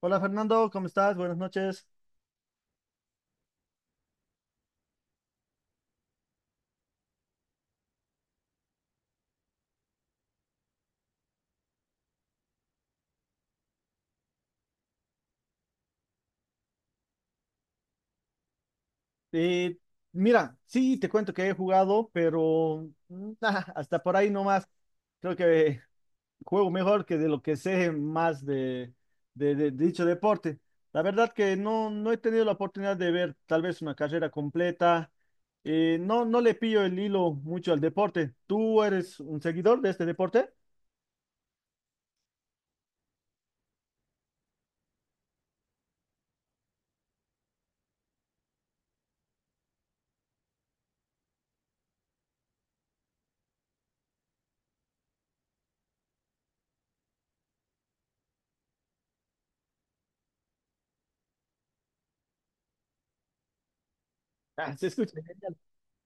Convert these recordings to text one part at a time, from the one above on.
Hola Fernando, ¿cómo estás? Buenas noches. Eh, mira, sí, te cuento que he jugado, pero ah, hasta por ahí nomás. Creo que juego mejor que de lo que sé más de, de dicho deporte. La verdad que no, no he tenido la oportunidad de ver tal vez una carrera completa. No, no le pillo el hilo mucho al deporte. ¿Tú eres un seguidor de este deporte? Ah, se escucha.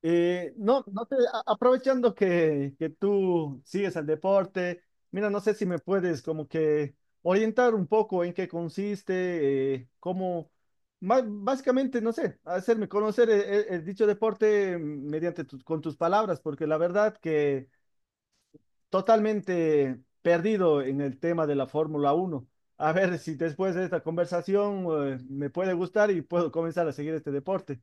No, aprovechando que tú sigues al deporte, mira, no sé si me puedes como que orientar un poco en qué consiste, básicamente, no sé, hacerme conocer el, el dicho deporte mediante con tus palabras, porque la verdad que totalmente perdido en el tema de la Fórmula Uno. A ver si después de esta conversación, me puede gustar y puedo comenzar a seguir este deporte.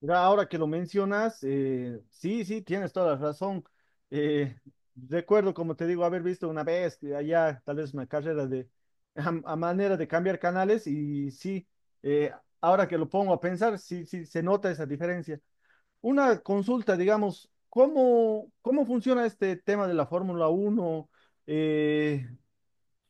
Mira, ahora que lo mencionas, sí, sí, tienes toda la razón. Eh, recuerdo, como te digo, haber visto una vez que allá tal vez una carrera de a manera de cambiar canales y sí, eh, ahora que lo pongo a pensar, sí, sí, se nota esa diferencia. Una consulta, digamos, ¿cómo funciona este tema de la Fórmula uno? Eh,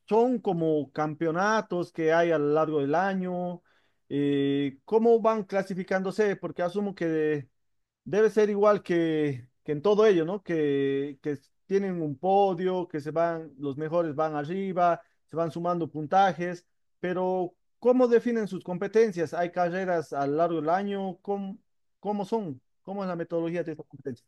¿Son como campeonatos que hay a lo largo del año? ¿Cómo van clasificándose? Porque asumo que debe ser igual que en todo ello, ¿no? Que, tienen un podio, que se van, los mejores van arriba, se van sumando puntajes, pero ¿cómo definen sus competencias? ¿Hay carreras a lo largo del año? ¿Cómo son? ¿Cómo es la metodología de estas competencias?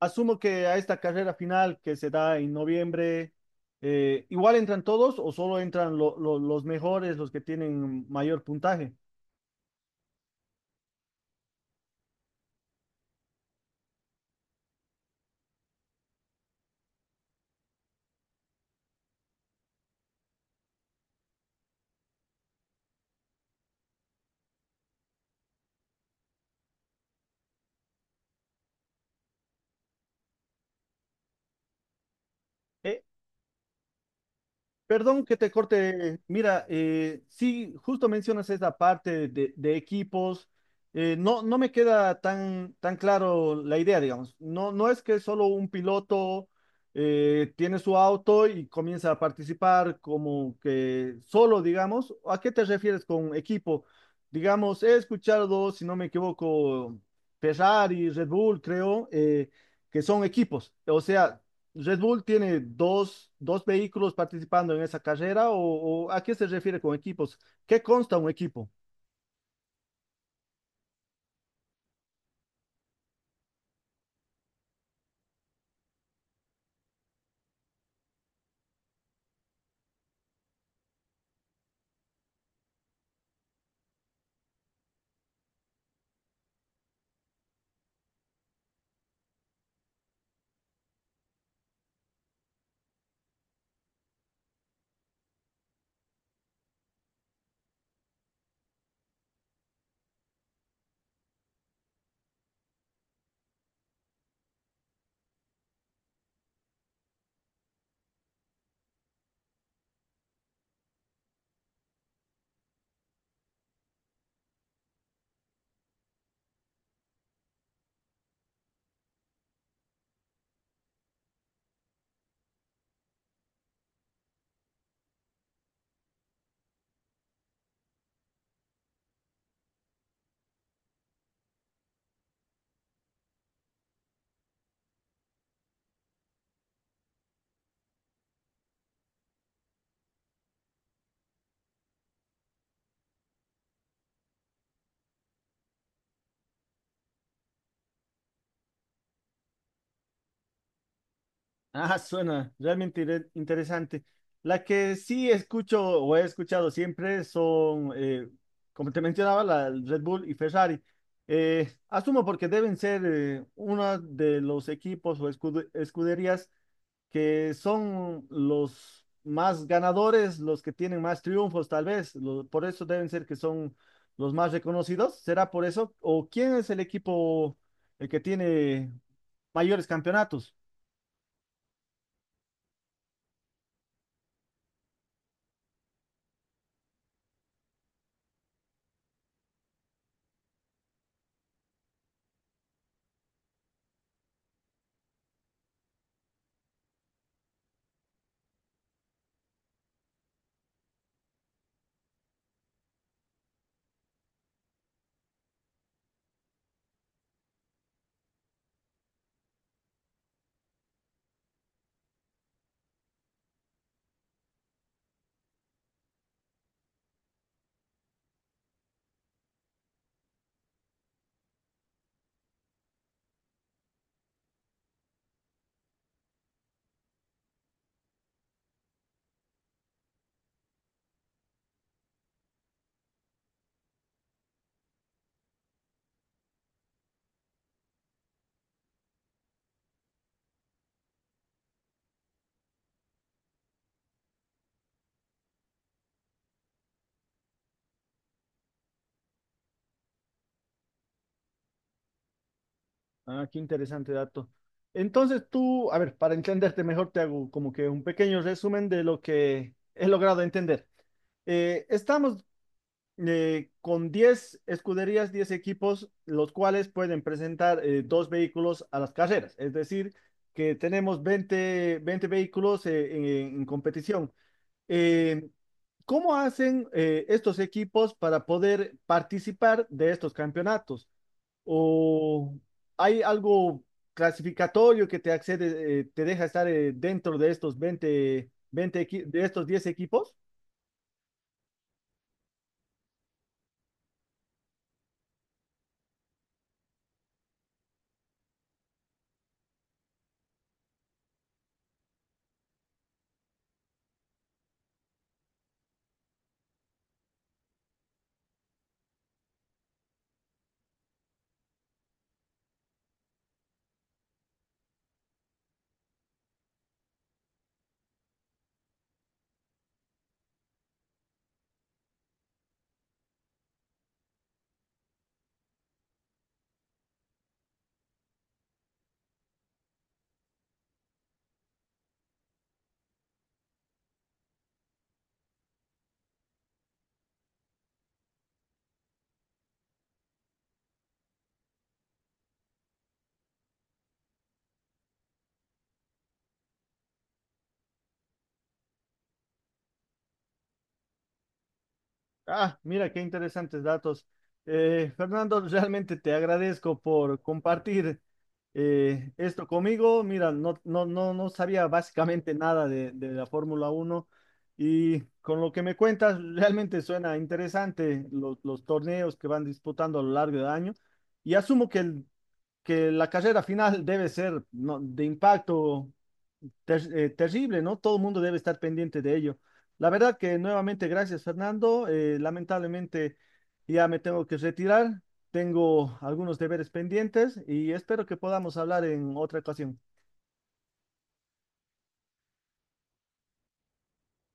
Asumo que a esta carrera final que se da en noviembre, ¿igual entran todos o solo entran los mejores, los que tienen mayor puntaje? E- Perdón que te corte. Mira, sí, justo mencionas esa parte de equipos. No, no me queda tan, tan claro la idea, digamos. No, no es que solo un piloto tiene su auto y comienza a participar como que solo, digamos. ¿A qué te refieres con equipo? Digamos, he escuchado, si no me equivoco, Ferrari, Red Bull, creo, que son equipos. O sea, Red Bull tiene dos vehículos participando en esa carrera o ¿a qué se refiere con equipos? ¿Qué consta un equipo? Ah, suena realmente interesante. La que sí escucho o he escuchado siempre son, como te mencionaba, la Red Bull y Ferrari. Asumo porque deben ser uno de los equipos o escuderías que son los más ganadores, los que tienen más triunfos, tal vez. Lo- por eso deben ser que son los más reconocidos. ¿Será por eso? ¿O quién es el equipo el que tiene mayores campeonatos? Ah, qué interesante dato. Entonces tú, a ver, para entenderte mejor, te hago como que un pequeño resumen de lo que he logrado entender. Estamos con 10 escuderías, 10 equipos, los cuales pueden presentar dos vehículos a las carreras. Es decir, que tenemos veinte vehículos en competición. Eh, ¿Cómo hacen estos equipos para poder participar de estos campeonatos? ¿O hay algo clasificatorio que te accede, te deja estar dentro de estos 10 equipos? Ah, mira qué interesantes datos. Fernando, realmente te agradezco por compartir esto conmigo. Mira, no sabía básicamente nada de, de la Fórmula Uno y con lo que me cuentas, realmente suena interesante los torneos que van disputando a lo largo del año y asumo que, que la carrera final debe ser ¿no? de impacto terrible, ¿no? Todo el mundo debe estar pendiente de ello. La verdad que nuevamente gracias, Fernando. Lamentablemente ya me tengo que retirar. Tengo algunos deberes pendientes y espero que podamos hablar en otra ocasión.